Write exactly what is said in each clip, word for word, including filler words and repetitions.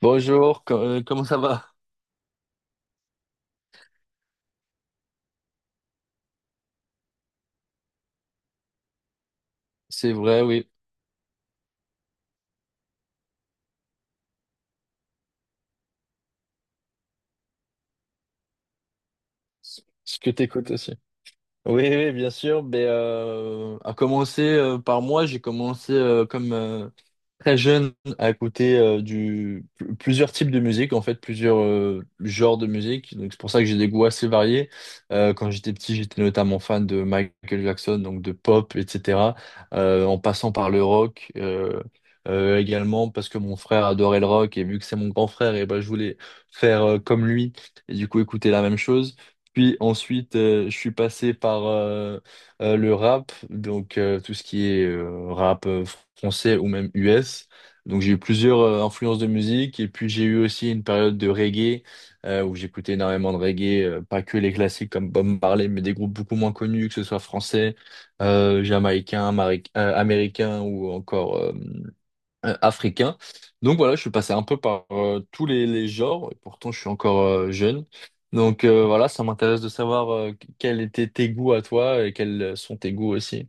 Bonjour, co- euh, comment ça va? C'est vrai, oui. Ce que t'écoutes aussi. Oui, oui, bien sûr. Mais euh, à commencer euh, par moi, j'ai commencé euh, comme euh, très jeune à écouter euh, du pl- plusieurs types de musique, en fait, plusieurs euh, genres de musique. Donc c'est pour ça que j'ai des goûts assez variés. Euh, quand j'étais petit, j'étais notamment fan de Michael Jackson, donc de pop, et cetera, euh, en passant par le rock, euh, euh, également parce que mon frère adorait le rock et vu que c'est mon grand frère et ben je voulais faire euh, comme lui et du coup écouter la même chose, puis ensuite, euh, je suis passé par euh, euh, le rap, donc euh, tout ce qui est euh, rap euh, français ou même U S. Donc j'ai eu plusieurs euh, influences de musique et puis j'ai eu aussi une période de reggae euh, où j'écoutais énormément de reggae, euh, pas que les classiques comme Bob Marley, mais des groupes beaucoup moins connus, que ce soit français, euh, jamaïcain, mari- euh, américain ou encore euh, euh, africain. Donc voilà, je suis passé un peu par euh, tous les, les genres, et pourtant je suis encore euh, jeune. Donc euh, voilà, ça m'intéresse de savoir euh, quels étaient tes goûts à toi et quels euh, sont tes goûts aussi.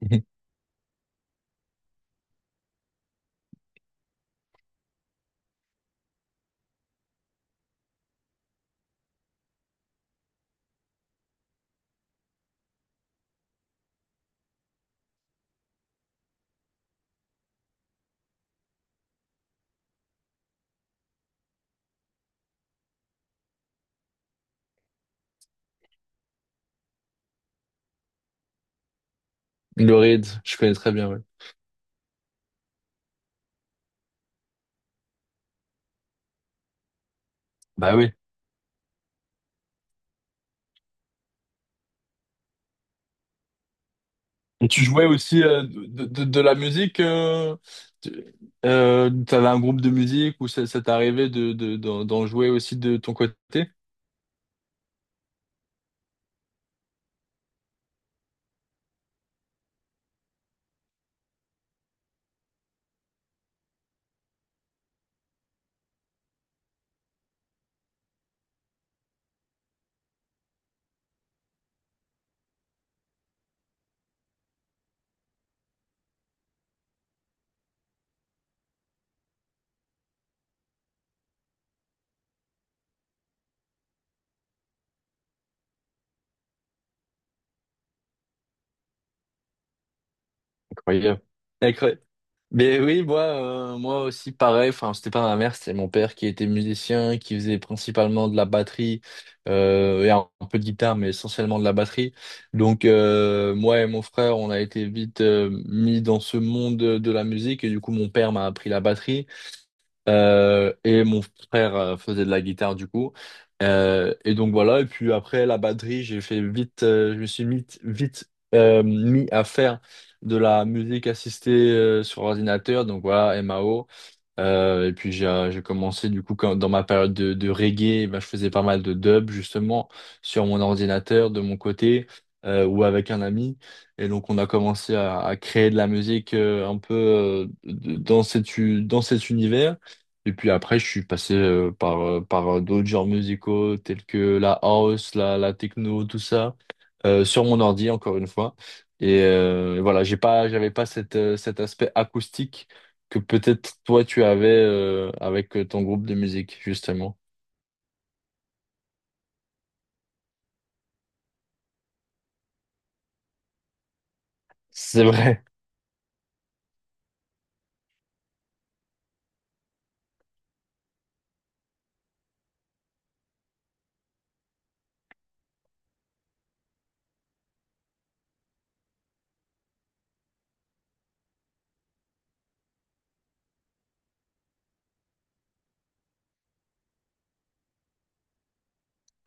Le ride, je connais très bien, ouais. Bah oui. Et tu jouais aussi euh, de, de- de la musique, euh, tu euh, t'avais un groupe de musique ou ça, ça t'est arrivé de, de- d'en d'en jouer aussi de ton côté? Incroyable. Incroyable. Mais oui, moi, euh, moi aussi pareil. Enfin, c'était pas ma mère, c'était mon père qui était musicien, qui faisait principalement de la batterie euh, et un, un peu de guitare, mais essentiellement de la batterie. Donc euh, moi et mon frère, on a été vite euh, mis dans ce monde de la musique et du coup, mon père m'a appris la batterie. Euh, et mon frère euh, faisait de la guitare du coup. Euh, et donc voilà, et puis après la batterie, j'ai fait vite, euh, je me suis vite, vite euh, mis à faire de la musique assistée euh, sur ordinateur, donc voilà, M A O. Euh, et puis j'ai euh, j'ai commencé du coup quand- dans ma période de, de reggae, ben, je faisais pas mal de dub justement sur mon ordinateur de mon côté euh, ou avec un ami. Et donc on a commencé à, à créer de la musique euh, un peu euh, de- dans cet, u- dans cet univers. Et puis après je suis passé euh, par, euh, par euh, d'autres genres musicaux tels que la house, la, la techno, tout ça euh, sur mon ordi encore une fois. Et euh, voilà, j'ai pas, j'avais pas cette, euh, cet aspect acoustique que peut-être toi tu avais euh, avec euh, ton groupe de musique, justement. C'est vrai.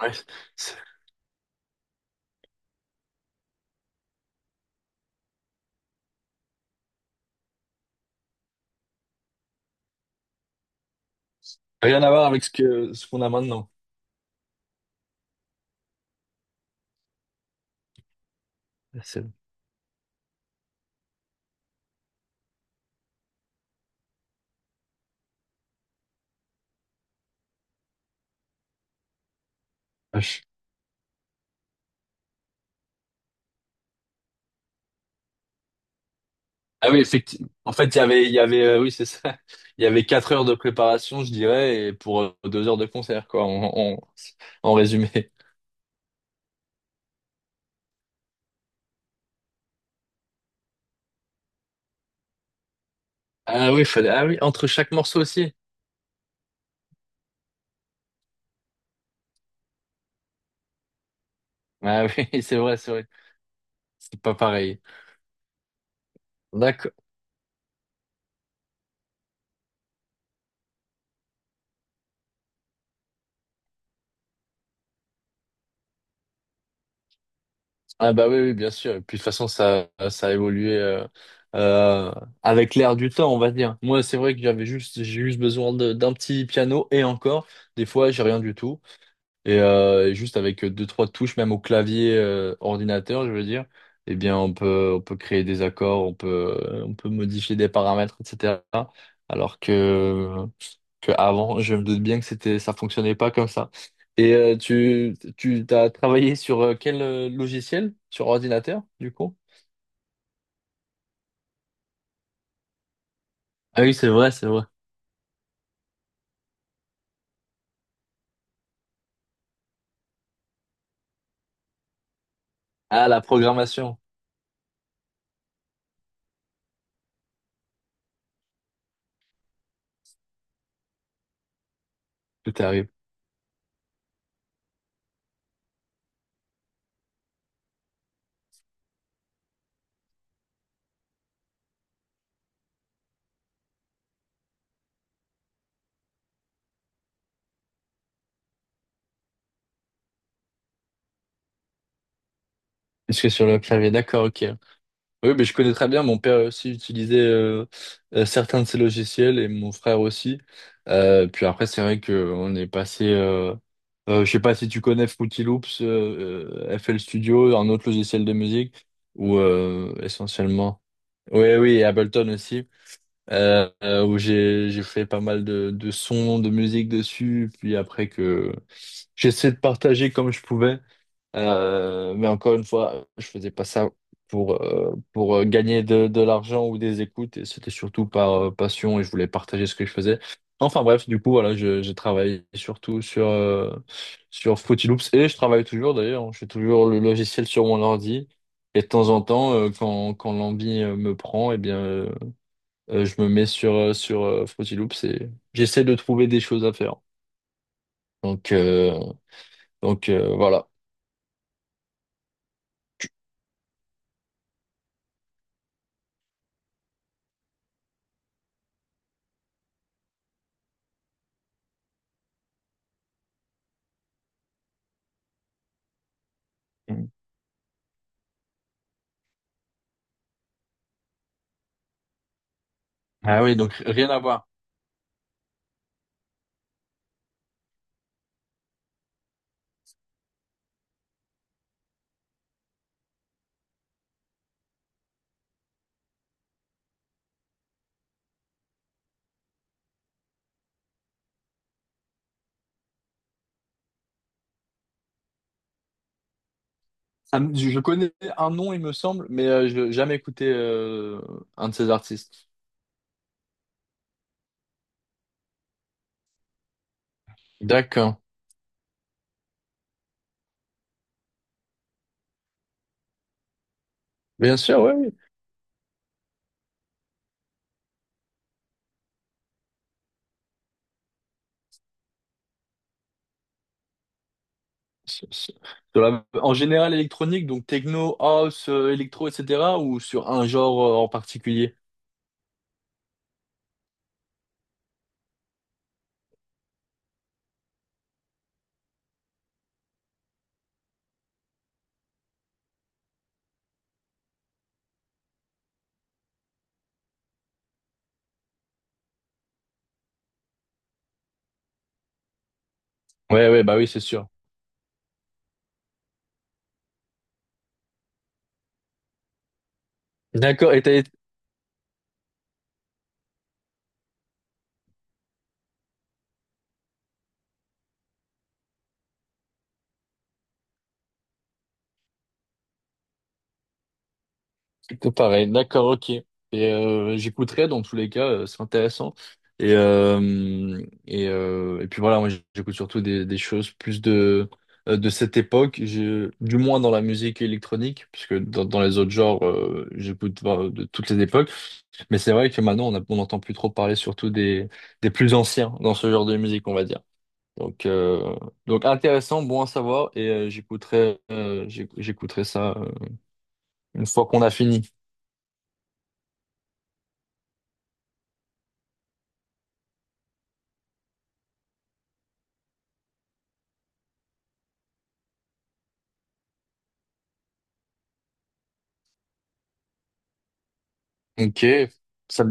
Ouais. C'est- Rien à voir avec ce que ce qu'on a maintenant. C'est vache. Ah oui, effectivement. En fait, il y avait, il y avait, euh, oui, c'est ça. Il y avait quatre heures de préparation, je dirais, et pour euh, deux heures de concert, quoi, en, en, en résumé. Ah oui, fallait, ah oui, entre chaque morceau aussi. Ah oui, c'est vrai, c'est vrai. C'est pas pareil. D'accord. Ah bah oui, oui, bien sûr. Et puis de toute façon, ça, ça a évolué euh, euh, avec l'air du temps, on va dire. Moi, c'est vrai que j'avais juste, j'ai juste besoin de- d'un petit piano et encore, des fois, j'ai rien du tout. Et, euh, et juste avec euh, deux, trois touches, même au clavier euh, ordinateur, je veux dire, eh bien, on peut, on peut créer des accords, on peut, euh, on peut modifier des paramètres, et cetera. Alors que, que avant, je me doute bien que c'était, ça fonctionnait pas comme ça. Et euh, tu, tu t'as travaillé sur euh, quel euh, logiciel? Sur ordinateur, du coup? Ah oui, c'est vrai, c'est vrai. Ah, la programmation, tout arrive. Puisque sur le clavier, d'accord, ok. Oui, mais je connais très bien. Mon père aussi utilisait euh, euh, certains de ces logiciels et mon frère aussi. Euh, puis après, c'est vrai que on est passé. Euh, euh, je sais pas si tu connais Fruity Loops, euh, euh, F L Studio, un autre logiciel de musique, ou euh, essentiellement. Oui, oui, et Ableton aussi, euh, euh, où j'ai j'ai fait pas mal de, de sons, de musique dessus. Puis après que j'essaie de partager comme je pouvais. Euh, mais encore une fois, je faisais pas ça pour, euh, pour euh, gagner de, de l'argent ou des écoutes. Et c'était surtout par euh, passion et je voulais partager ce que je faisais. Enfin bref, du coup, voilà, je- j'ai travaillé surtout sur, euh, sur Fruity Loops et je travaille toujours d'ailleurs. Je fais toujours le logiciel sur mon ordi. Et de temps en temps, euh, quand, quand l'envie euh, me prend, eh bien, euh, euh, je me mets sur, euh, sur euh, Fruity Loops et j'essaie de trouver des choses à faire. Donc, euh, donc euh, voilà. Ah oui, donc rien à voir. Ah, je connais un nom, il me semble, mais euh, je n'ai jamais écouté euh, un de ces artistes. D'accord. Bien sûr, ouais, oui. Sur- sur- sur la- En général, électronique, donc techno, house, euh, électro, et cetera, ou sur un genre euh, en particulier? Ouais, ouais, bah oui, c'est sûr. D'accord. Et t'as Tout pareil, d'accord, ok. Et euh, j'écouterai dans tous les cas, euh, c'est intéressant. Et euh, et euh, et puis voilà, moi j'écoute surtout des des choses plus de euh, de cette époque, je, du moins dans la musique électronique, puisque dans, dans les autres genres, euh, j'écoute euh, de toutes les époques. Mais c'est vrai que maintenant on a- on n'entend plus trop parler, surtout des des plus anciens dans ce genre de musique, on va dire. Donc euh, donc intéressant, bon à savoir. Et euh, j'écouterai euh, j'éc- j'écouterai ça euh, une fois qu'on a fini. Ok, ça-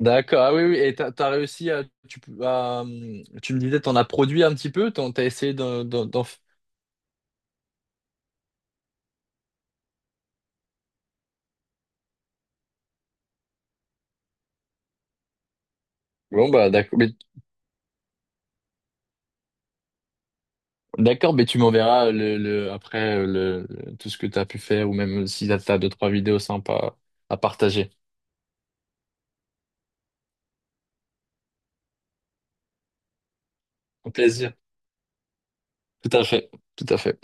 d'accord. Ah oui, oui. Et t'as, t'as réussi à, tu, peux- à, hum, tu me disais, t'en as produit un petit peu, t'en, t'as essayé d'en, d'en, d'en f- Bon bah d'accord, mais, d'accord, mais tu m'enverras le, le, après euh, le, le- tout ce que t'as pu faire ou même si t'as t'as deux trois vidéos sympas à partager. Au plaisir. Tout à fait, tout à fait.